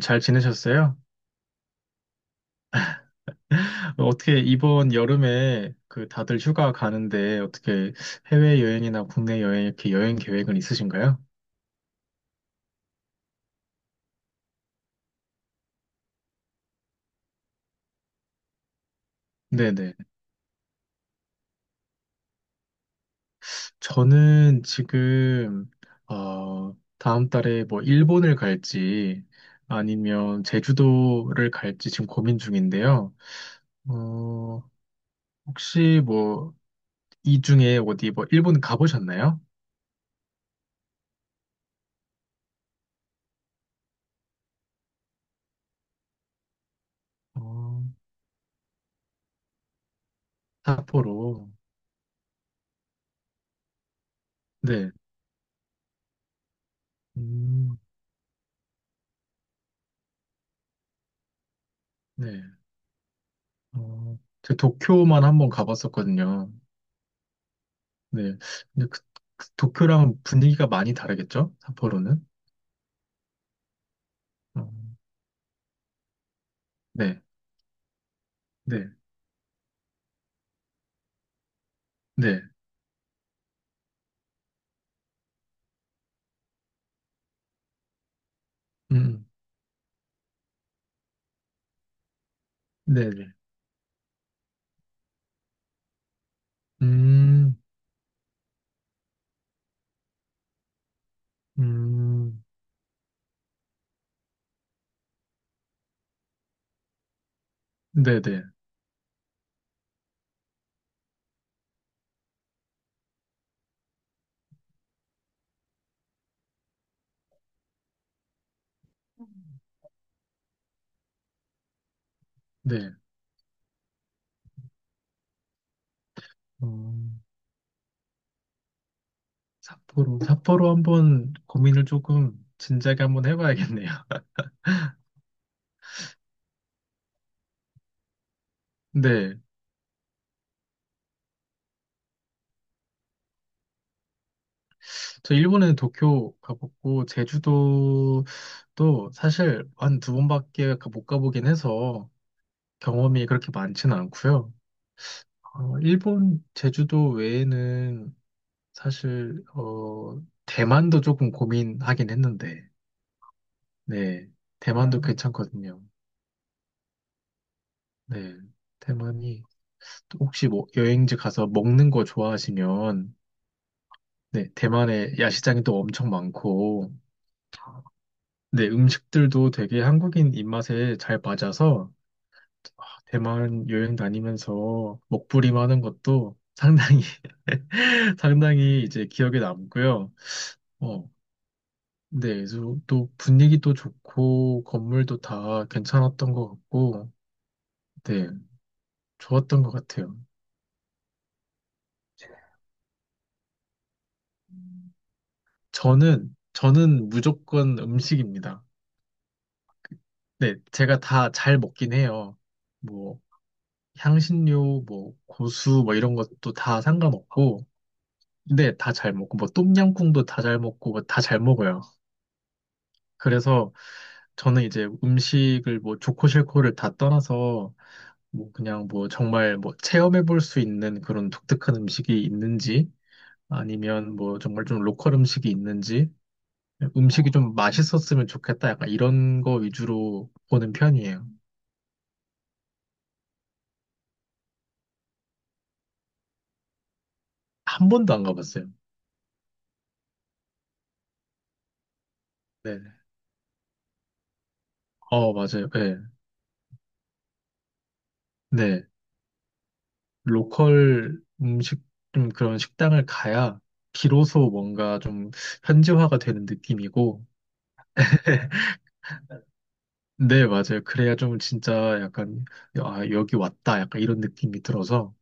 잘 지내셨어요? 어떻게 이번 여름에 그 다들 휴가 가는데 어떻게 해외여행이나 국내 여행 이렇게 여행 계획은 있으신가요? 네네. 저는 지금, 다음 달에 뭐 일본을 갈지 아니면 제주도를 갈지 지금 고민 중인데요. 어, 혹시 뭐 이 중에 어디 뭐 일본 가보셨나요? 어, 삿포로. 네. 음, 네. 어, 저 도쿄만 한번 가봤었거든요. 네. 근데 그 도쿄랑 분위기가 많이 다르겠죠? 삿포로는? 어, 네, 네, 네. 음, 음. 네, 네. 음, 음, 네, 네, 네. 어, 삿포로 한번 고민을 조금 진작에 한번 해봐야겠네요. 네. 저 일본에는 도쿄 가봤고, 제주도도 사실 한 두 번밖에 못 가보긴 해서 경험이 그렇게 많지는 않고요. 일본 제주도 외에는 사실 대만도 조금 고민하긴 했는데, 네, 대만도 괜찮거든요. 네, 대만이 혹시 뭐 여행지 가서 먹는 거 좋아하시면, 네, 대만에 야시장이 또 엄청 많고, 네, 음식들도 되게 한국인 입맛에 잘 맞아서 아, 대만 여행 다니면서 먹부림하는 것도 상당히 상당히 이제 기억에 남고요. 어, 네, 그래서 또 분위기도 좋고 건물도 다 괜찮았던 것 같고, 네, 좋았던 것 같아요. 저는 무조건 음식입니다. 네, 제가 다 잘 먹긴 해요. 뭐 향신료, 뭐 고수, 뭐 이런 것도 다 상관없고, 네, 다 잘 먹고, 뭐 똠양꿍도 다 잘 먹고, 뭐 다잘 먹어요. 그래서 저는 이제 음식을 뭐 좋고 싫고를 다 떠나서 뭐 그냥 뭐 정말 뭐 체험해 볼 수 있는 그런 독특한 음식이 있는지 아니면 뭐 정말 좀 로컬 음식이 있는지 음식이 좀 맛있었으면 좋겠다 약간 이런 거 위주로 보는 편이에요. 한 번도 안 가봤어요. 네. 맞아요. 네. 네. 로컬 음식 좀 그런 식당을 가야 비로소 뭔가 좀 현지화가 되는 느낌이고 네, 맞아요. 그래야 좀 진짜 약간, 아, 여기 왔다. 약간 이런 느낌이 들어서.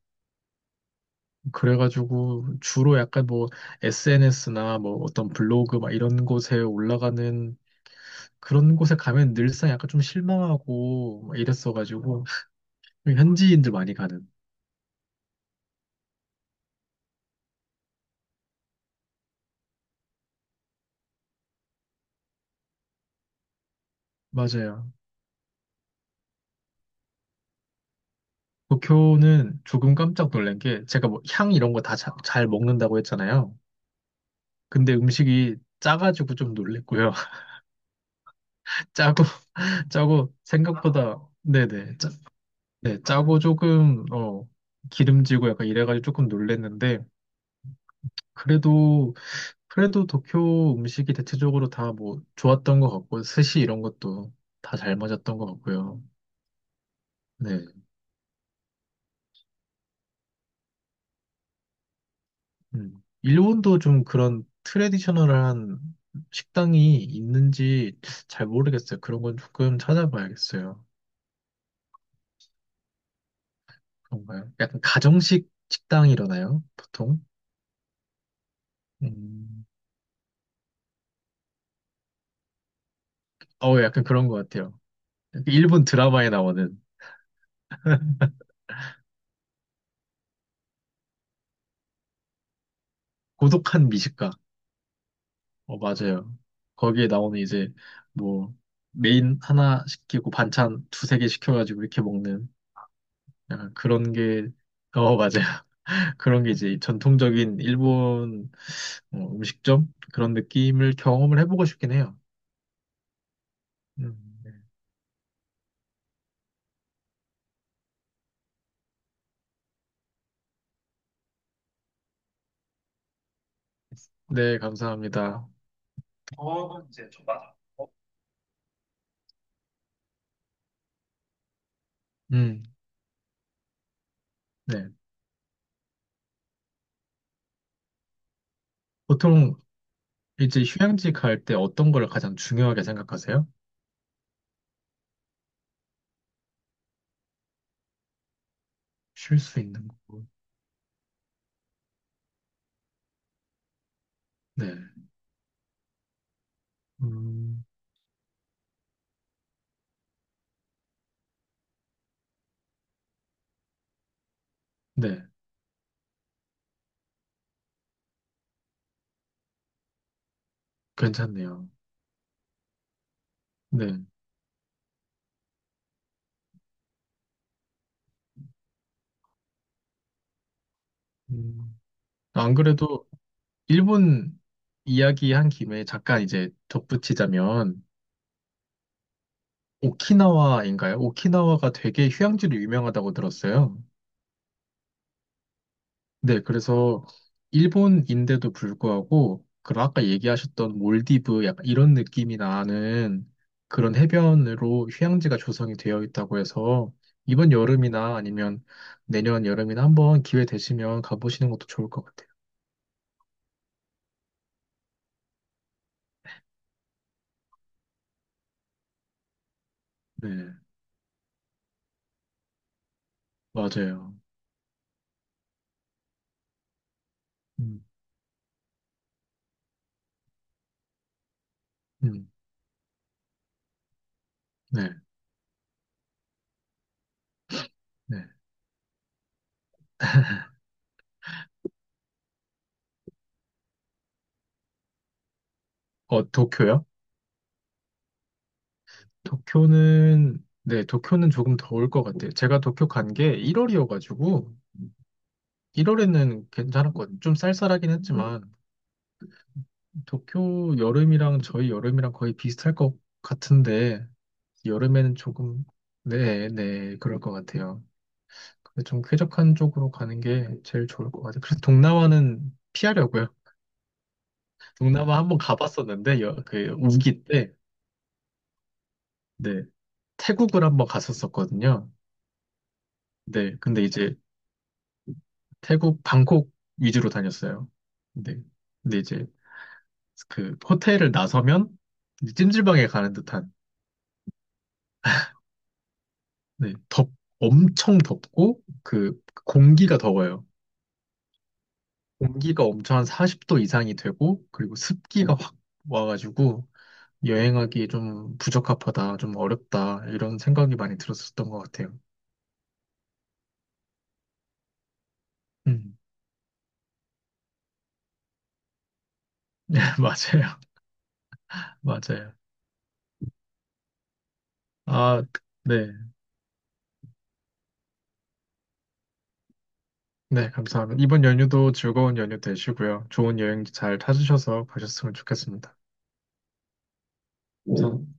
그래가지고 주로 약간 뭐 SNS나 뭐 어떤 블로그 막 이런 곳에 올라가는 그런 곳에 가면 늘상 약간 좀 실망하고 막 이랬어가지고 현지인들 많이 가는. 맞아요. 도쿄는 조금 깜짝 놀란 게 제가 뭐 향 이런 거 다 잘 먹는다고 했잖아요. 근데 음식이 짜가지고 좀 놀랬고요. 짜고, 짜고 생각보다, 네네. 네, 짜고 조금, 기름지고 약간 이래가지고 조금 놀랬는데, 그래도, 그래도 도쿄 음식이 대체적으로 다 뭐 좋았던 것 같고, 스시 이런 것도 다 잘 맞았던 것 같고요. 네. 음. 일본도 좀 그런 트레디셔널한 식당이 있는지 잘 모르겠어요. 그런 건 조금 찾아봐야겠어요. 그런가요? 약간 가정식 식당이라나요? 보통? 음, 약간 그런 것 같아요. 일본 드라마에 나오는 고독한 미식가. 맞아요. 거기에 나오는 이제 뭐 메인 하나 시키고 반찬 두세 개 시켜가지고 이렇게 먹는 약간 그런 게, 맞아요. 그런 게 이제 전통적인 일본 음식점? 그런 느낌을 경험을 해보고 싶긴 해요. 네, 네, 감사합니다. 저는 이제 좀 맞아. 음, 네. 보통 이제 휴양지 갈 때 어떤 걸 가장 중요하게 생각하세요? 쉴 수 있는 거. 네. 음, 네. 괜찮네요. 네. 음, 안 그래도 일본 이야기한 김에 잠깐 이제 덧붙이자면 오키나와인가요? 오키나와가 되게 휴양지로 유명하다고 들었어요. 네, 그래서 일본인데도 불구하고 그 아까 얘기하셨던 몰디브 약간 이런 느낌이 나는 그런 해변으로 휴양지가 조성이 되어 있다고 해서 이번 여름이나 아니면 내년 여름이나 한번 기회 되시면 가보시는 것도 좋을 것 같아요. 네, 맞아요. 음, 음, 네. 네. 도쿄요? 도쿄는, 네, 도쿄는 조금 더울 것 같아요. 제가 도쿄 간 게 1월이어가지고, 1월에는 괜찮았거든요. 좀 쌀쌀하긴 했지만, 도쿄 여름이랑 저희 여름이랑 거의 비슷할 것 같은데, 여름에는 조금, 네, 네, 그럴 것 같아요. 근데 좀 쾌적한 쪽으로 가는 게 제일 좋을 것 같아요. 그래서 동남아는 피하려고요. 동남아 한 번 가봤었는데, 그, 우기 때, 네, 태국을 한 번 갔었었거든요. 네, 근데 이제 태국 방콕 위주로 다녔어요. 근데, 이제 그 호텔을 나서면 이제 찜질방에 가는 듯한 네, 덥 엄청 덥고 그 공기가 더워요. 공기가 엄청 한 40도 이상이 되고 그리고 습기가 확 와가지고 여행하기 좀 부적합하다, 좀 어렵다 이런 생각이 많이 들었었던 것 같아요. 음, 네, 맞아요, 맞아요. 아, 네. 네, 감사합니다. 이번 연휴도 즐거운 연휴 되시고요. 좋은 여행 잘 찾으셔서 가셨으면 좋겠습니다. 감사합니다.